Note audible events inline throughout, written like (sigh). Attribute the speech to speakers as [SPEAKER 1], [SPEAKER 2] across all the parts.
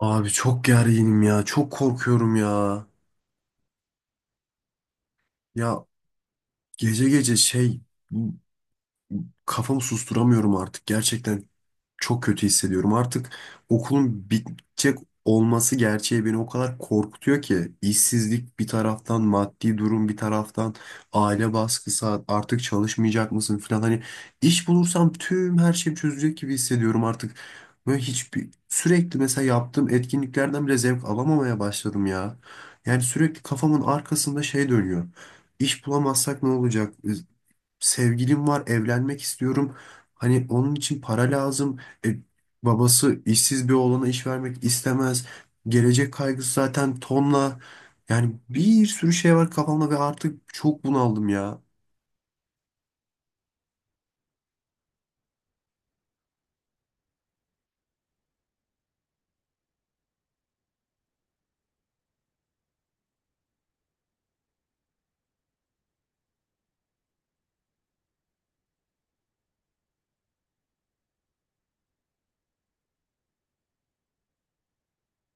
[SPEAKER 1] Abi çok gerginim ya. Çok korkuyorum ya. Ya, gece gece bu- kafamı susturamıyorum artık gerçekten. Çok kötü hissediyorum. Artık okulun bitecek olması gerçeği beni o kadar korkutuyor ki işsizlik bir taraftan, maddi durum bir taraftan, aile baskısı artık çalışmayacak mısın falan, hani iş bulursam tüm her şey çözecek gibi hissediyorum artık. Böyle hiçbir sürekli mesela yaptığım etkinliklerden bile zevk alamamaya başladım ya. Yani sürekli kafamın arkasında şey dönüyor. İş bulamazsak ne olacak? Sevgilim var, evlenmek istiyorum. Hani onun için para lazım. E, babası işsiz bir oğlana iş vermek istemez. Gelecek kaygısı zaten tonla. Yani bir sürü şey var kafamda ve artık çok bunaldım ya.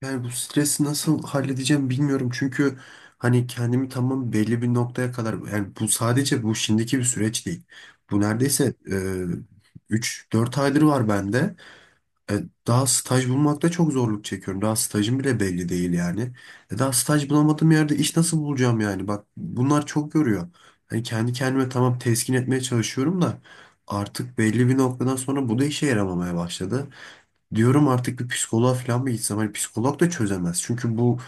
[SPEAKER 1] Yani bu stresi nasıl halledeceğim bilmiyorum. Çünkü hani kendimi tamam belli bir noktaya kadar, yani bu sadece bu şimdiki bir süreç değil. Bu neredeyse üç dört aydır var bende. E, Daha staj bulmakta çok zorluk çekiyorum. Daha stajım bile belli değil yani. Daha staj bulamadığım yerde iş nasıl bulacağım yani? Bak bunlar çok yoruyor. Hani kendi kendime tamam teskin etmeye çalışıyorum da artık belli bir noktadan sonra bu da işe yaramamaya başladı. Diyorum artık bir psikoloğa falan mı gitsem? Hani psikolog da çözemez. Çünkü bu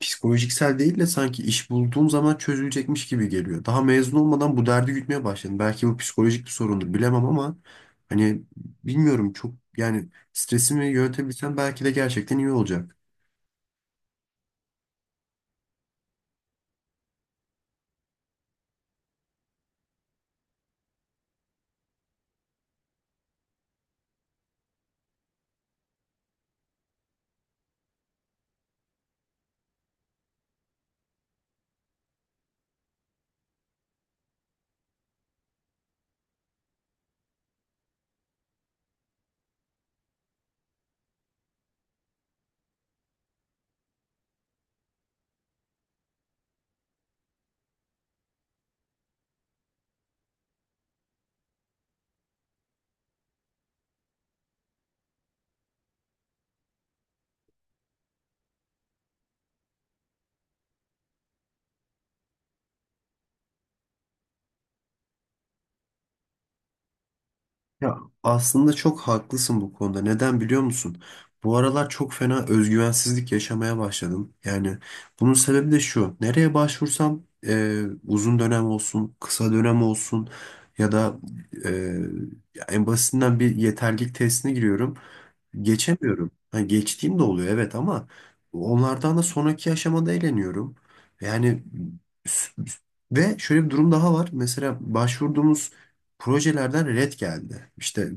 [SPEAKER 1] psikolojiksel değil de sanki iş bulduğum zaman çözülecekmiş gibi geliyor. Daha mezun olmadan bu derdi gütmeye başladım. Belki bu psikolojik bir sorundur bilemem ama hani bilmiyorum, çok yani stresimi yönetebilsem belki de gerçekten iyi olacak. Ya aslında çok haklısın bu konuda. Neden biliyor musun? Bu aralar çok fena özgüvensizlik yaşamaya başladım. Yani bunun sebebi de şu. Nereye başvursam uzun dönem olsun, kısa dönem olsun, ya da e, ya en basitinden bir yeterlilik testine giriyorum. Geçemiyorum. Ha, geçtiğim de oluyor, evet, ama onlardan da sonraki aşamada eğleniyorum. Yani s- ve şöyle bir durum daha var. Mesela başvurduğumuz projelerden red geldi. İşte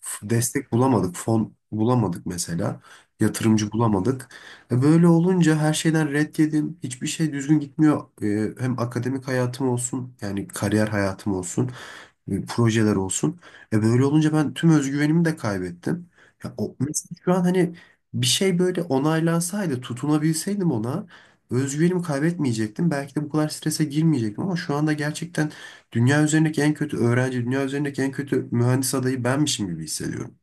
[SPEAKER 1] destek bulamadık, fon bulamadık mesela. Yatırımcı bulamadık. Böyle olunca her şeyden red yedim. Hiçbir şey düzgün gitmiyor. Hem akademik hayatım olsun, yani kariyer hayatım olsun, projeler olsun. E, böyle olunca ben tüm özgüvenimi de kaybettim. Ya mesela şu an hani bir şey böyle onaylansaydı, tutunabilseydim ona, özgüvenimi kaybetmeyecektim. Belki de bu kadar strese girmeyecektim ama şu anda gerçekten dünya üzerindeki en kötü öğrenci, dünya üzerindeki en kötü mühendis adayı benmişim gibi hissediyorum.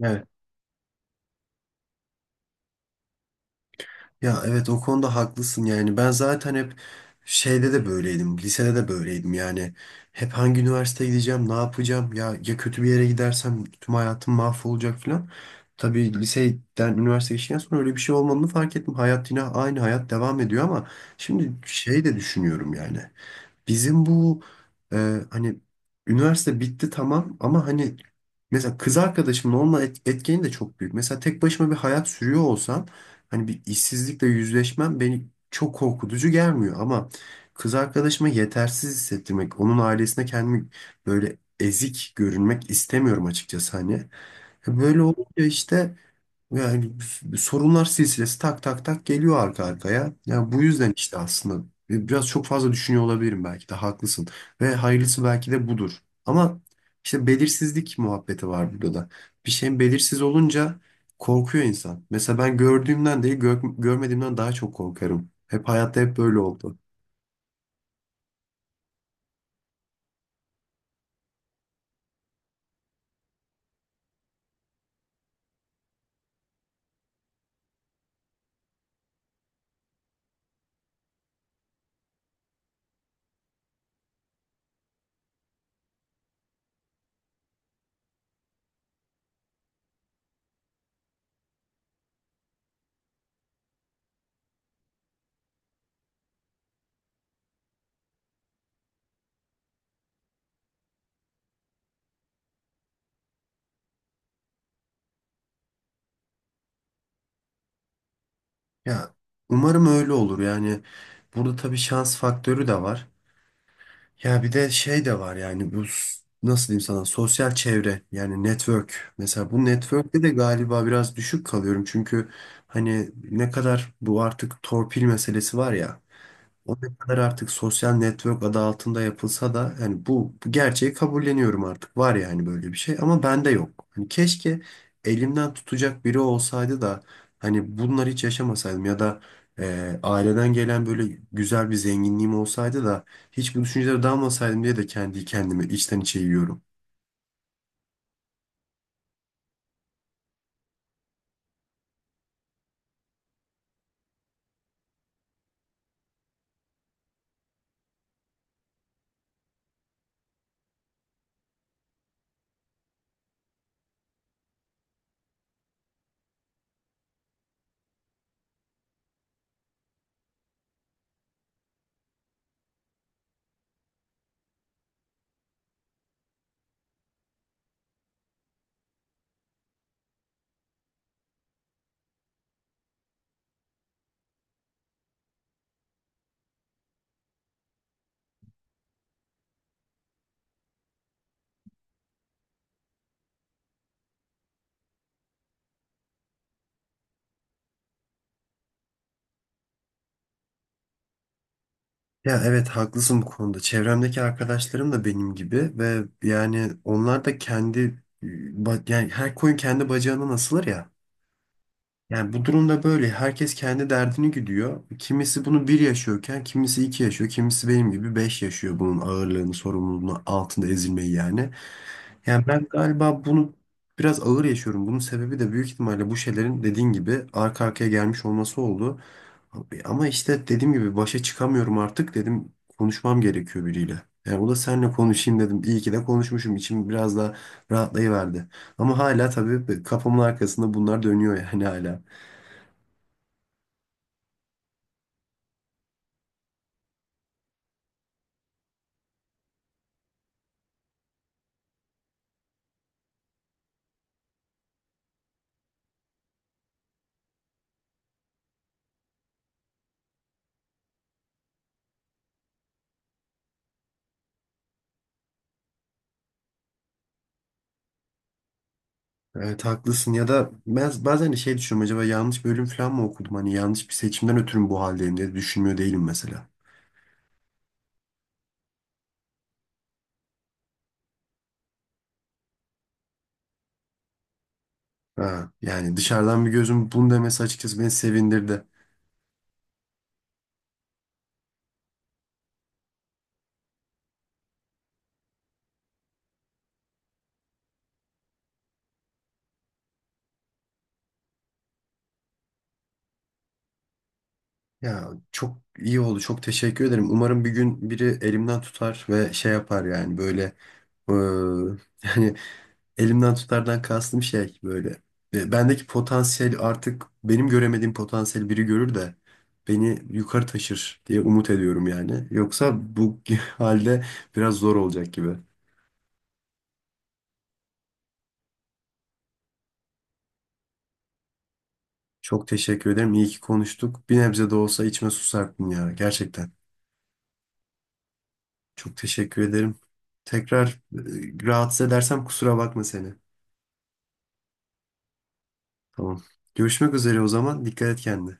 [SPEAKER 1] Evet. Ya evet, o konuda haklısın yani. Ben zaten hep şeyde de böyleydim. Lisede de böyleydim yani. Hep hangi üniversiteye gideceğim, ne yapacağım? Ya, ya kötü bir yere gidersem tüm hayatım mahvolacak falan. Tabii liseden üniversiteye geçtikten sonra öyle bir şey olmadığını fark ettim. Hayat yine aynı, hayat devam ediyor ama şimdi şey de düşünüyorum yani. Bizim bu hani üniversite bitti tamam ama hani mesela kız arkadaşımın olma etkeni de çok büyük. Mesela tek başıma bir hayat sürüyor olsam hani bir işsizlikle yüzleşmem beni çok korkutucu gelmiyor ama kız arkadaşıma yetersiz hissettirmek, onun ailesine kendimi böyle ezik görünmek istemiyorum açıkçası hani. Böyle olunca işte yani sorunlar silsilesi tak tak tak geliyor arka arkaya. Yani bu yüzden işte aslında biraz çok fazla düşünüyor olabilirim, belki de haklısın. Ve hayırlısı belki de budur. Ama işte belirsizlik muhabbeti var burada da. Bir şeyin belirsiz olunca korkuyor insan. Mesela ben gördüğümden değil görmediğimden daha çok korkarım. Hep hayatta hep böyle oldu. Ya umarım öyle olur. Yani burada tabii şans faktörü de var. Ya bir de şey de var yani bu nasıl diyeyim sana, sosyal çevre yani network. Mesela bu network'te de galiba biraz düşük kalıyorum. Çünkü hani ne kadar, bu artık torpil meselesi var ya. O ne kadar artık sosyal network adı altında yapılsa da yani bu gerçeği kabulleniyorum artık. Var yani böyle bir şey ama bende yok. Hani keşke elimden tutacak biri olsaydı da hani bunları hiç yaşamasaydım, ya da aileden gelen böyle güzel bir zenginliğim olsaydı da hiç bu düşüncelere dalmasaydım diye de kendi kendime içten içe yiyorum. Ya evet, haklısın bu konuda. Çevremdeki arkadaşlarım da benim gibi ve yani onlar da kendi yani her koyun kendi bacağına asılır ya. Yani bu durumda böyle herkes kendi derdini güdüyor. Kimisi bunu bir yaşıyorken, kimisi iki yaşıyor, kimisi benim gibi beş yaşıyor bunun ağırlığını, sorumluluğunu, altında ezilmeyi yani. Yani ben galiba bunu biraz ağır yaşıyorum. Bunun sebebi de büyük ihtimalle bu şeylerin dediğin gibi arka arkaya gelmiş olması oldu. Ama işte dediğim gibi başa çıkamıyorum artık dedim, konuşmam gerekiyor biriyle. Yani o da seninle konuşayım dedim. İyi ki de konuşmuşum. İçim biraz daha rahatlayıverdi. Ama hala tabii kafamın arkasında bunlar dönüyor yani, hala. Evet haklısın, ya da ben bazen de şey düşünüyorum, acaba yanlış bölüm falan mı okudum, hani yanlış bir seçimden ötürü mü bu haldeyim diye düşünmüyor değilim mesela. Ha, yani dışarıdan bir gözüm bunu demesi açıkçası beni sevindirdi. Ya çok iyi oldu, çok teşekkür ederim. Umarım bir gün biri elimden tutar ve şey yapar yani böyle eee, (laughs) yani elimden tutardan kastım şey böyle. Bendeki potansiyel, artık benim göremediğim potansiyel biri görür de beni yukarı taşır diye umut ediyorum yani. Yoksa bu (laughs) halde biraz zor olacak gibi. Çok teşekkür ederim. İyi ki konuştuk. Bir nebze de olsa içime su serptin ya. Gerçekten. Çok teşekkür ederim. Tekrar rahatsız edersem kusura bakma seni. Tamam. Görüşmek üzere o zaman. Dikkat et kendine.